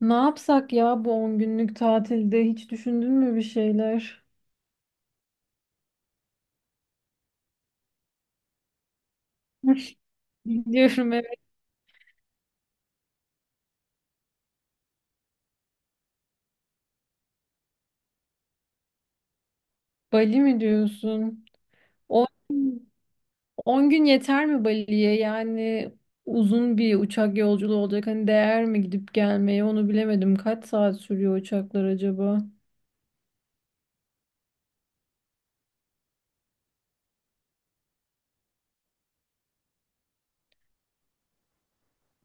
Ne yapsak ya bu 10 günlük tatilde hiç düşündün mü bir şeyler? Biliyorum, evet. Bali mi diyorsun? 10, 10 gün yeter mi Bali'ye? Yani uzun bir uçak yolculuğu olacak. Hani değer mi gidip gelmeye, onu bilemedim. Kaç saat sürüyor uçaklar acaba?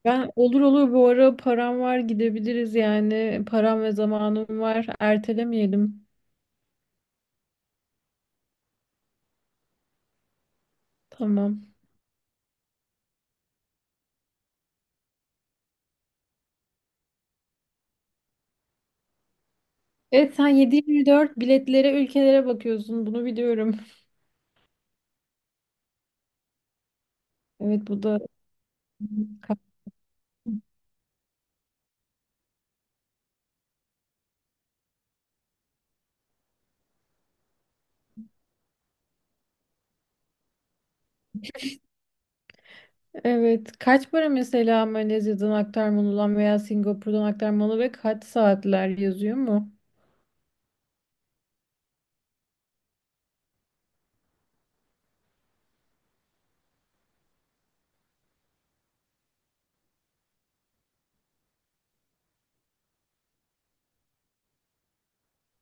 Ben olur olur, bu ara param var, gidebiliriz yani. Param ve zamanım var. Ertelemeyelim. Tamam. Evet, sen 7-24 biletlere, ülkelere bakıyorsun. Bunu biliyorum. Evet, bu da Kap- evet. Kaç para mesela Malezya'dan aktarmalıdan veya Singapur'dan aktarmalı, ve kaç saatler yazıyor mu?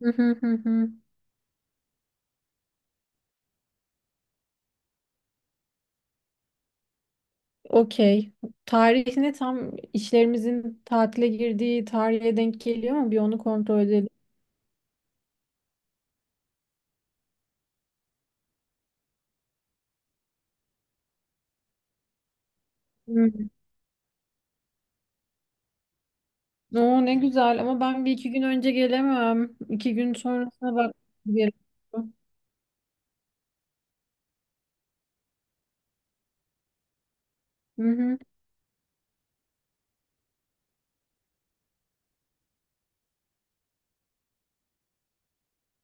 Hı hı hı hı. Okey. Tarihine, tam işlerimizin tatile girdiği tarihe denk geliyor mu? Bir onu kontrol edelim. Hı. Oo, ne güzel, ama ben bir iki gün önce gelemem. İki gün sonrasına bak. Hı hı.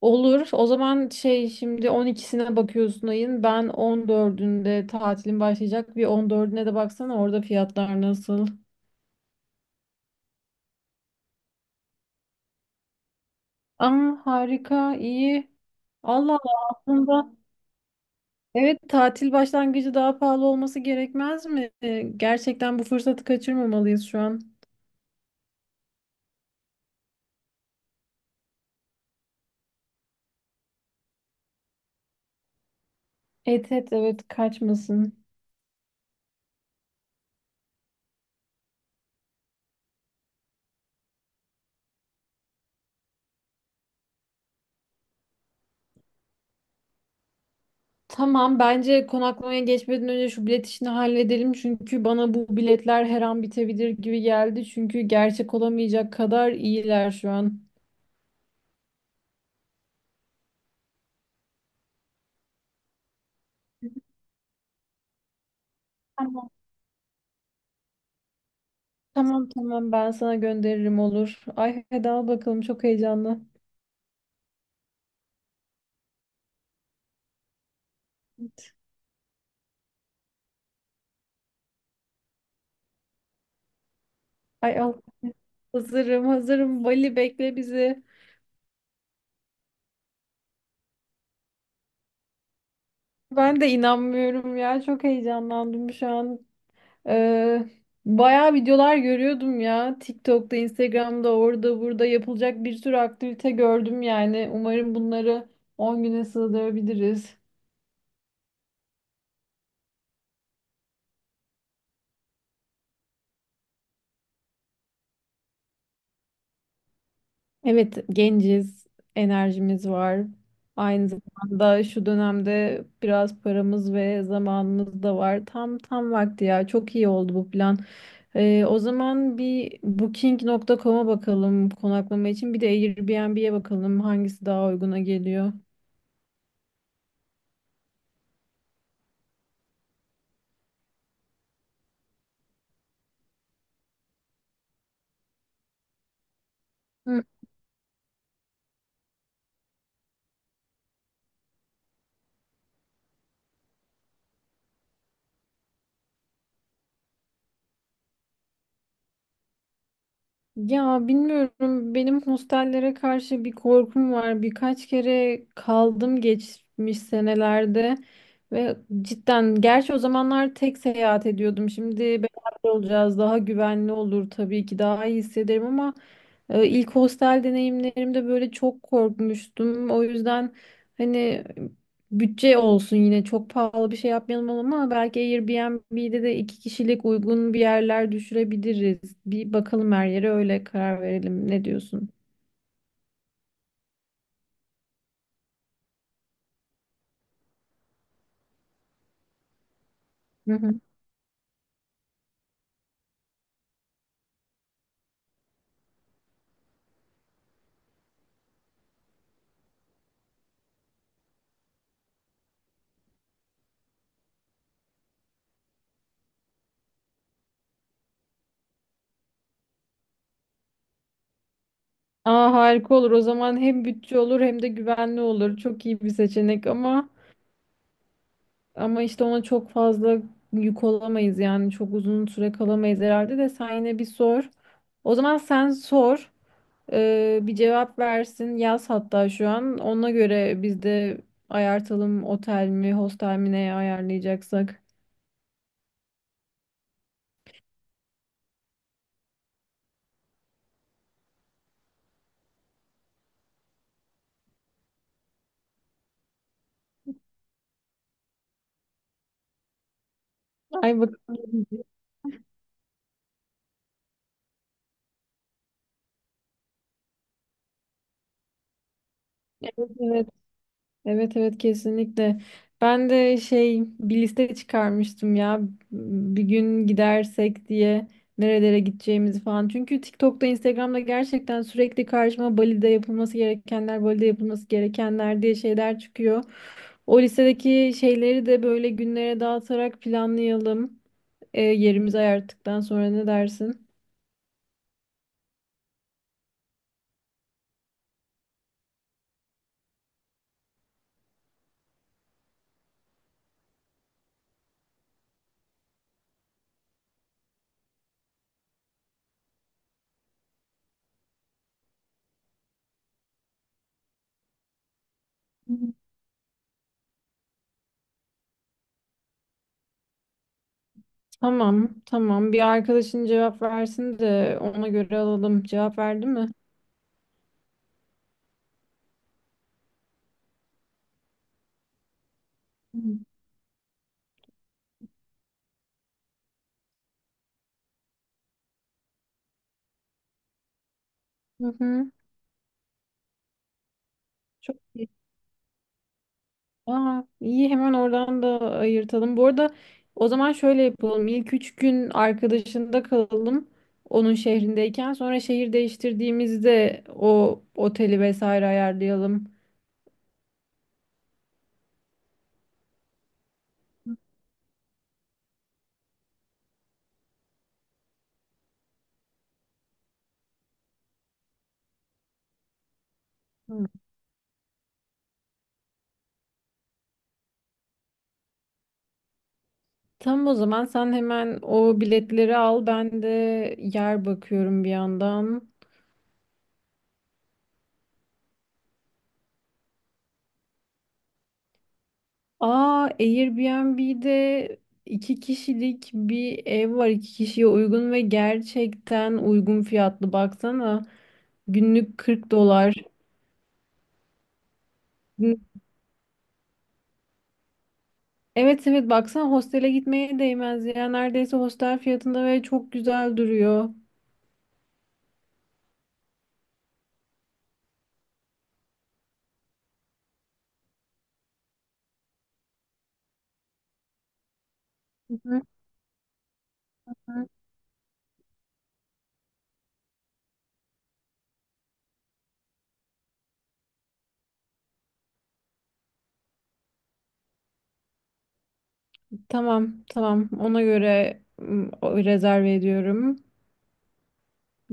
Olur. O zaman şimdi 12'sine bakıyorsun ayın. Ben 14'ünde tatilim başlayacak. Bir 14'üne de baksana, orada fiyatlar nasıl. Aa, harika, iyi. Allah Allah, aslında. Evet, tatil başlangıcı daha pahalı olması gerekmez mi? Gerçekten bu fırsatı kaçırmamalıyız şu an. Et et, evet, kaçmasın. Tamam, bence konaklamaya geçmeden önce şu bilet işini halledelim. Çünkü bana bu biletler her an bitebilir gibi geldi. Çünkü gerçek olamayacak kadar iyiler şu an. Tamam. Tamam tamam, ben sana gönderirim, olur. Ay, hadi al bakalım, çok heyecanlı. Ay, al. Hazırım hazırım. Bali, bekle bizi. Ben de inanmıyorum ya, çok heyecanlandım şu an. Ee, bayağı videolar görüyordum ya. TikTok'ta, Instagram'da, orada burada yapılacak bir sürü aktivite gördüm yani. Umarım bunları 10 güne sığdırabiliriz. Evet, genciz, enerjimiz var. Aynı zamanda şu dönemde biraz paramız ve zamanımız da var. Tam vakti ya. Çok iyi oldu bu plan. O zaman bir booking.com'a bakalım konaklama için. Bir de Airbnb'ye bakalım hangisi daha uyguna geliyor. Hı, ya bilmiyorum, benim hostellere karşı bir korkum var. Birkaç kere kaldım geçmiş senelerde ve cidden, gerçi o zamanlar tek seyahat ediyordum. Şimdi beraber olacağız, daha güvenli olur, tabii ki daha iyi hissederim ama ilk hostel deneyimlerimde böyle çok korkmuştum. O yüzden hani, bütçe olsun yine, çok pahalı bir şey yapmayalım ama belki Airbnb'de de iki kişilik uygun bir yerler düşürebiliriz. Bir bakalım her yere, öyle karar verelim. Ne diyorsun? Hı hı. Aa, harika olur. O zaman hem bütçe olur hem de güvenli olur. Çok iyi bir seçenek ama ama, işte ona çok fazla yük olamayız yani, çok uzun süre kalamayız herhalde. De sen yine bir sor. O zaman sen sor. Bir cevap versin. Yaz hatta şu an. Ona göre biz de ayartalım, otel mi, hostel mi, neye ayarlayacaksak. Ay, bakalım. Evet, Evet evet, kesinlikle. Ben de bir liste çıkarmıştım ya, bir gün gidersek diye nerelere gideceğimizi falan. Çünkü TikTok'ta, Instagram'da gerçekten sürekli karşıma "Bali'de yapılması gerekenler, Bali'de yapılması gerekenler" diye şeyler çıkıyor. O listedeki şeyleri de böyle günlere dağıtarak planlayalım. Yerimizi ayarttıktan sonra, ne dersin? Tamam, tamam. Bir arkadaşın cevap versin de ona göre alalım. Cevap verdi mi? Hı hı. Çok iyi. Aa, iyi, hemen oradan da ayırtalım. Bu arada o zaman şöyle yapalım. İlk üç gün arkadaşında kalalım, onun şehrindeyken. Sonra şehir değiştirdiğimizde o oteli vesaire ayarlayalım. Hı. Tamam, o zaman sen hemen o biletleri al. Ben de yer bakıyorum bir yandan. Aa, Airbnb'de iki kişilik bir ev var. İki kişiye uygun ve gerçekten uygun fiyatlı, baksana. Günlük $40. Gün- Evet evet, baksana, hostele gitmeye değmez ya. Neredeyse hostel fiyatında ve çok güzel duruyor. Hı hı. Tamam tamam, ona göre rezerve ediyorum.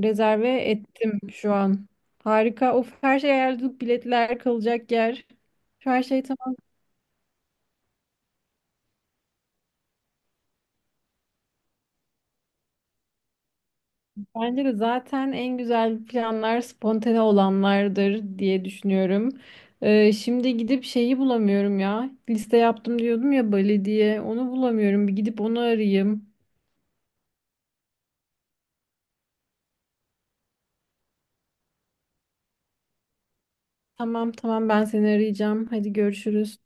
Rezerve ettim şu an. Harika. Of, her şey ayarladık. Biletler, kalacak yer. Şu, her şey tamam. Bence de zaten en güzel planlar spontane olanlardır diye düşünüyorum. Şimdi gidip şeyi bulamıyorum ya. Liste yaptım diyordum ya, Bali diye. Onu bulamıyorum. Bir gidip onu arayayım. Tamam tamam, ben seni arayacağım. Hadi görüşürüz.